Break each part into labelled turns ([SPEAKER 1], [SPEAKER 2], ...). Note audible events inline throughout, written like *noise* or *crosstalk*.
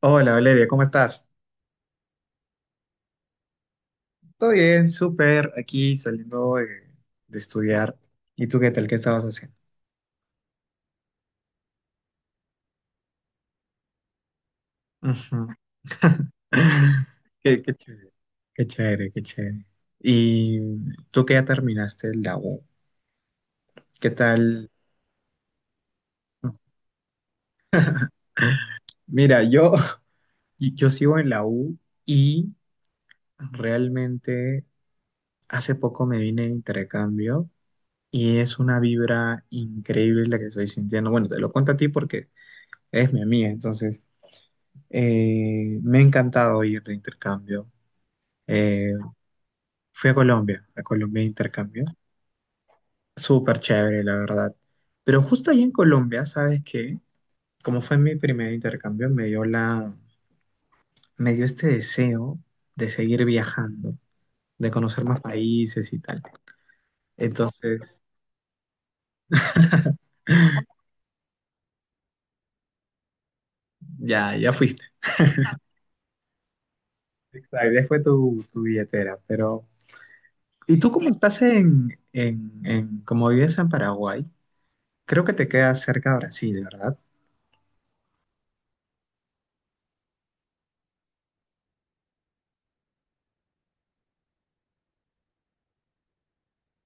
[SPEAKER 1] Hola, Valeria, ¿cómo estás? Todo bien, súper, aquí saliendo de estudiar. ¿Y tú qué tal? ¿Qué estabas haciendo? Ujú. *laughs* Qué chévere, qué chévere, qué chévere. ¿Y tú que ya terminaste la U? ¿Qué tal? *laughs* Mira, yo, *laughs* yo sigo en la U y realmente hace poco me vine de intercambio y es una vibra increíble la que estoy sintiendo. Bueno, te lo cuento a ti porque eres mi amiga, entonces. Me ha encantado ir de intercambio. Eh, Fui a Colombia de intercambio. Súper chévere, la verdad. Pero justo ahí en Colombia, ¿sabes qué? Como fue mi primer intercambio, me dio este deseo de seguir viajando, de conocer más países y tal. Entonces, *laughs* ya, ya fuiste. Exacto, ya fue tu billetera, pero... ¿Y tú cómo estás como vives en Paraguay? Creo que te quedas cerca de Brasil, ¿verdad?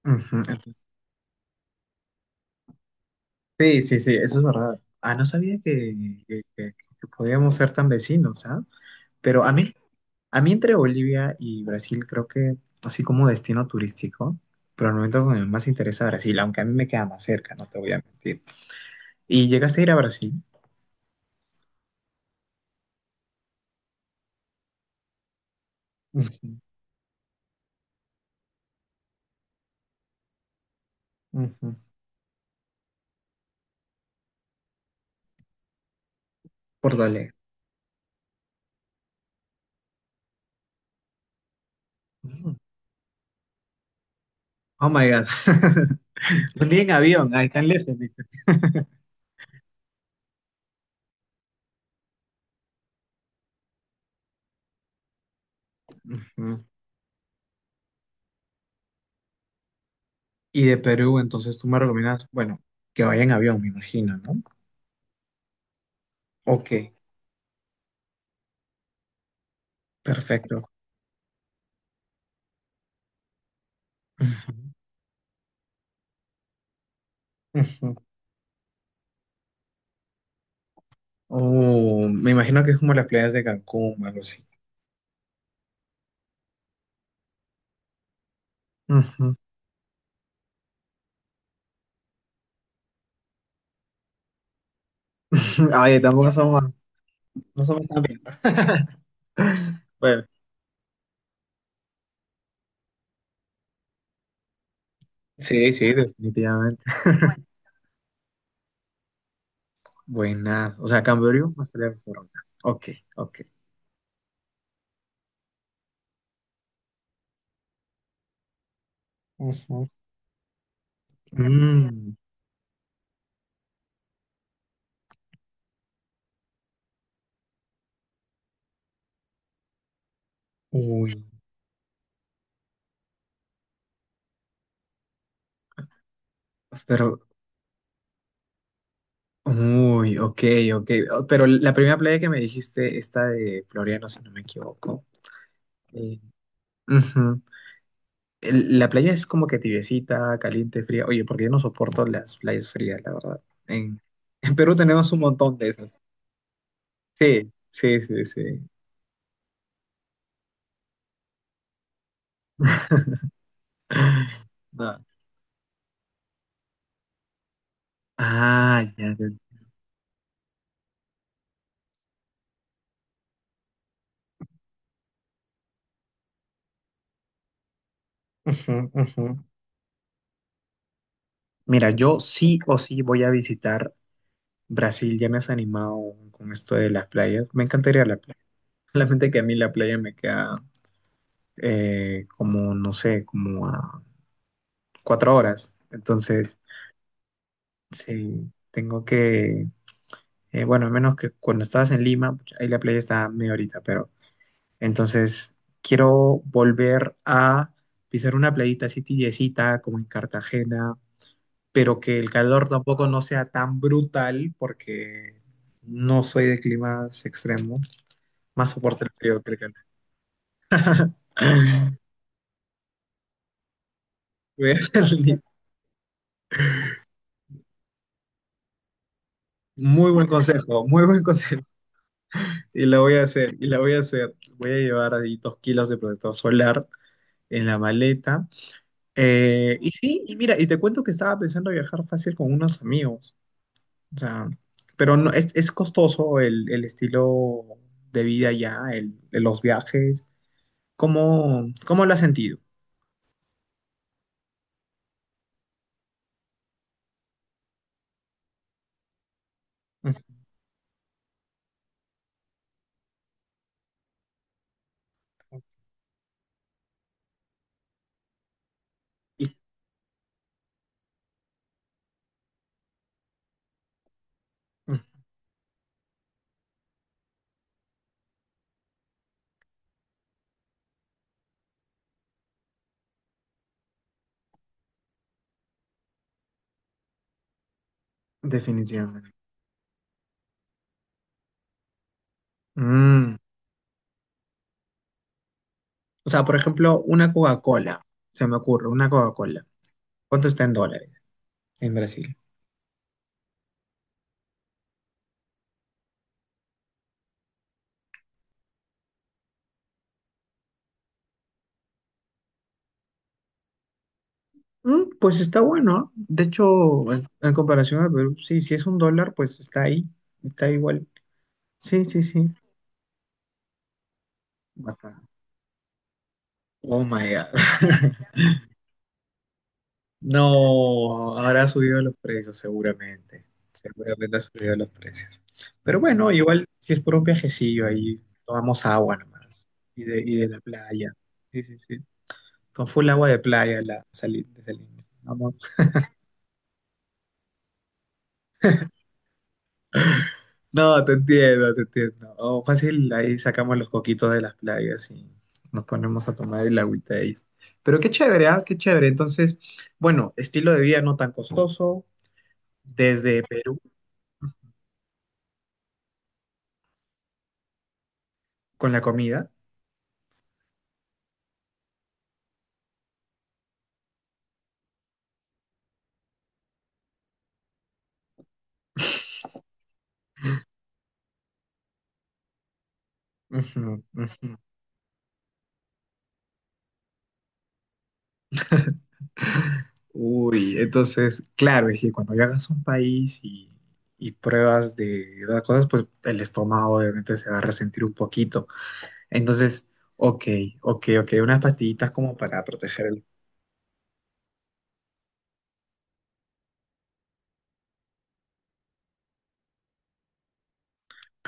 [SPEAKER 1] Ujú, entonces. Sí, sí, sí, eso es verdad. Ah, no sabía que- que- que podíamos ser tan vecinos, ¿ah? Pero a mí entre Bolivia y Brasil creo que, así como destino turístico, pero al momento me más interesa Brasil, aunque a mí me queda más cerca, no te voy a mentir. ¿Y llegaste a ir a Brasil? Ujú, ujú. Por dale. Ujú. Oh my God. *laughs* Un día en avión, ahí tan lejos, dice. Ujú. Y de Perú, entonces tú me recomiendas, bueno, que vaya en avión, me imagino, ¿no? Ok, perfecto. Ujú, ujú. Oh, me imagino que es como las playas de Cancún, algo así. Ujú. *laughs* Ay, tampoco somos, no somos tan bien. *laughs* Bueno, sí, sí, definitivamente. Buenas. O sea, Camboriú no sería Barcelona. Ok, ok. Ujú. Mm, uy, pero, uy, ok, ok. Oh, pero la primera playa que me dijiste, esta de Floriano, si no me equivoco. Eh, Ujú. La playa es como que tibiecita, caliente, fría. Oye, porque yo no soporto las playas frías, la verdad. *laughs* En Perú tenemos un montón de esas. Sí, sí, sí, sí. *laughs* No. Ah, ya, ya. Ujú, ujú. Mira, yo sí o sí voy a visitar Brasil. Ya me has animado con esto de las playas. Me encantaría la playa. Solamente que a mí la playa me queda como, no sé, como a 4 horas. Entonces, sí, tengo que. Bueno, a menos que cuando estabas en Lima, pucha, ahí la playa está medio ahorita, pero entonces quiero volver a pisar una playita así tibiecita como en Cartagena, pero que el calor tampoco no sea tan brutal porque no soy de climas extremos, más soporto el frío que el calor. *laughs* Voy a hacer li- Muy buen consejo, muy buen consejo. Y la voy a hacer, y la voy a hacer. Voy a llevar ahí 2 kilos de protector solar en la maleta. Y sí, y mira, y te cuento que estaba pensando viajar fácil con unos amigos, o sea, pero no, es, costoso el estilo de vida ya, los viajes, ¿cómo lo has sentido? Ujú. Y- Ujú, definitivamente. Mm, O sea, por ejemplo, una Coca-Cola, se me ocurre, una Coca-Cola, ¿cuánto está en dólares en Brasil? Pues está bueno, ¿eh? De hecho, en comparación a Perú, sí, si es $1, pues está ahí, está igual, sí, sí, sí. Oh my God. *laughs* No, habrá subido los precios seguramente. Seguramente ha subido los precios. Pero bueno, igual si es por un viajecillo ahí, tomamos agua nomás. Y de la playa. Sí, sí, sí. Con full agua de playa de Salinas. Vamos. No, te entiendo, te entiendo. Oh, fácil, ahí sacamos los coquitos de las playas y nos ponemos a tomar el agüita de ellos. Pero qué chévere, ¿ah? Qué chévere. Entonces, bueno, estilo de vida no tan costoso. Desde Perú con la comida. Ujú, ujú. *laughs* Uy, entonces, claro, es que cuando viajas a un país y pruebas de dar cosas, pues el estómago obviamente se va a resentir un poquito. Entonces, ok, ok, ok, unas pastillitas como para proteger el...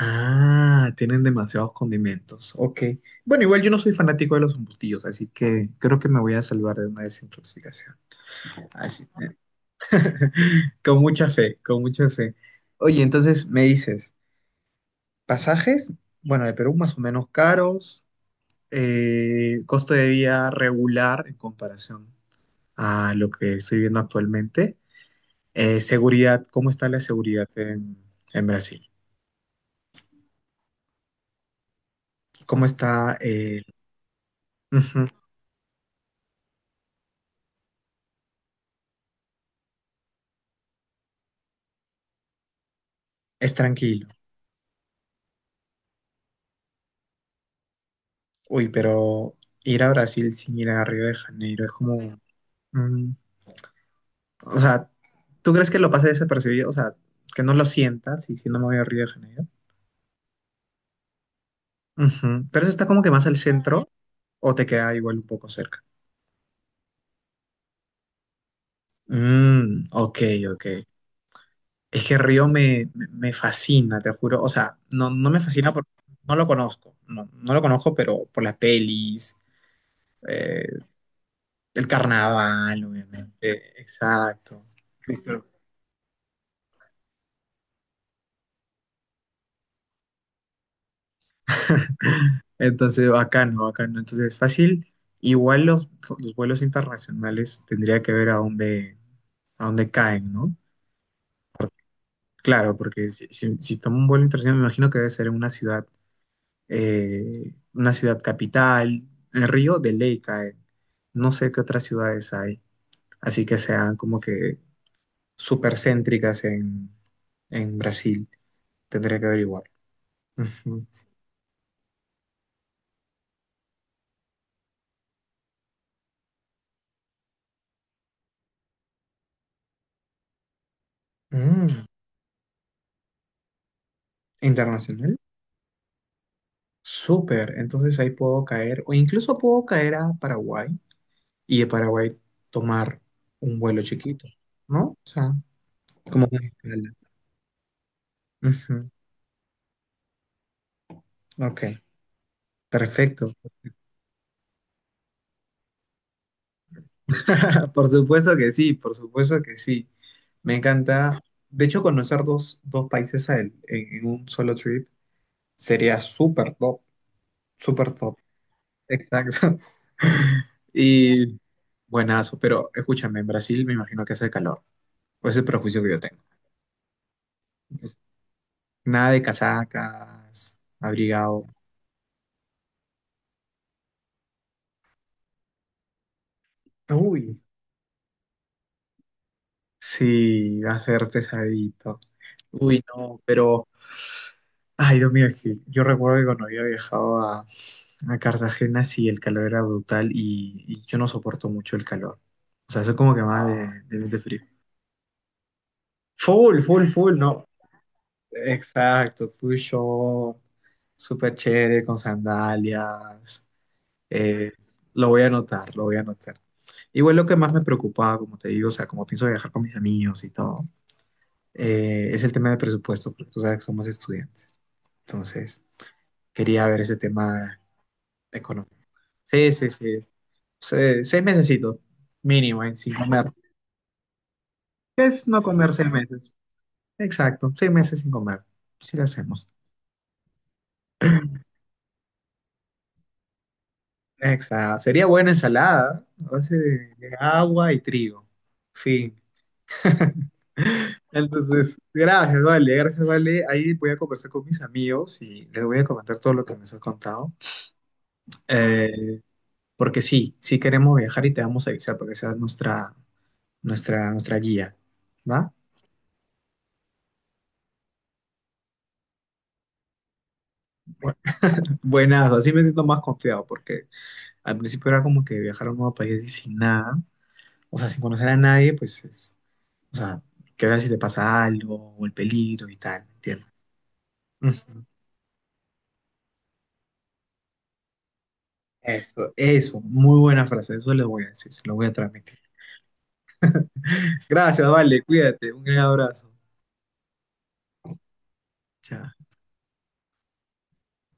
[SPEAKER 1] Ah, tienen demasiados condimentos, ok. Bueno, igual yo no soy fanático de los embutidos, así que creo que me voy a salvar de una desintoxicación. Así, *laughs* con mucha fe, con mucha fe. Oye, entonces me dices... Pasajes, bueno, de Perú más o menos caros, costo de vida regular en comparación a lo que estoy viendo actualmente. Seguridad, ¿cómo está la seguridad en Brasil? ¿Cómo está? Ujú, es tranquilo. Uy, pero ir a Brasil sin ir a Río de Janeiro es como... mm, o sea, ¿tú crees que lo pase desapercibido? O sea, que no lo sientas y si no me voy a Río de Janeiro. Ujú, pero eso está como que más al centro o te queda igual un poco cerca. Mm, ok, ok. Es que Río me fascina, te juro. O sea, no, no me fascina porque no lo conozco. No, no lo conozco, pero por las pelis, eh, el carnaval, obviamente. Exacto. Cristo. *laughs* Entonces, bacano, bacano. Entonces, fácil. Igual los vuelos internacionales tendría que ver a dónde, caen, ¿no? Claro, porque si tomo un vuelo internacional, me imagino que debe ser en una ciudad. Una ciudad capital, el Río de Ley cae. No sé qué otras ciudades hay, así que sean como que súper céntricas en Brasil. Tendré que averiguar. Ujú. Mm, Internacional. Súper. Entonces ahí puedo caer, o incluso puedo caer a Paraguay y de Paraguay tomar un vuelo chiquito, ¿no? O sea, como una escala. Ujú. Ok, perfecto. *laughs* Por supuesto que sí, por supuesto que sí. Me encanta. De hecho, conocer dos países en un solo trip sería súper top, súper top. Exacto. *laughs* Y buenazo, pero escúchame, en Brasil me imagino que hace calor. Pues es el prejuicio que yo tengo. Entonces, nada de casacas, abrigado. Uy, sí, va a ser pesadito. Uy, no, pero Ay, Dios mío, es que yo recuerdo que cuando había viajado a Cartagena, sí, el calor era brutal y yo no soporto mucho el calor. O sea, soy como que más de frío. Full, full, full, no. Exacto, full short, súper chévere, con sandalias. Eh, lo voy a anotar, lo voy a anotar. Igual lo que más me preocupaba, como te digo, o sea, como pienso viajar con mis amigos y todo, es el tema del presupuesto, porque tú sabes que somos estudiantes. Entonces, quería ver ese tema económico. Sí, sí, sí. 6 mesecitos, mínimo, ahí, sin comer. Es no comer 6 meses. Exacto, 6 meses sin comer. Sí lo hacemos. Exacto. Sería buena ensalada, a base de agua y trigo. Fin. Entonces, gracias, Vale, gracias, Vale. Ahí voy a conversar con mis amigos y les voy a comentar todo lo que me has contado. Eh, Porque sí, sí queremos viajar y te vamos a avisar para que seas nuestra, nuestra guía. ¿Va? Buenas, así me siento más confiado porque al principio era como que viajar a un nuevo país y sin nada, o sea, sin conocer a nadie, pues es, o sea, qué tal si te pasa algo o el peligro y tal, ¿me entiendes? Ujú. Eso, muy buena frase, eso le voy a decir, se lo voy a transmitir. Gracias, vale, cuídate, un gran abrazo. Chao.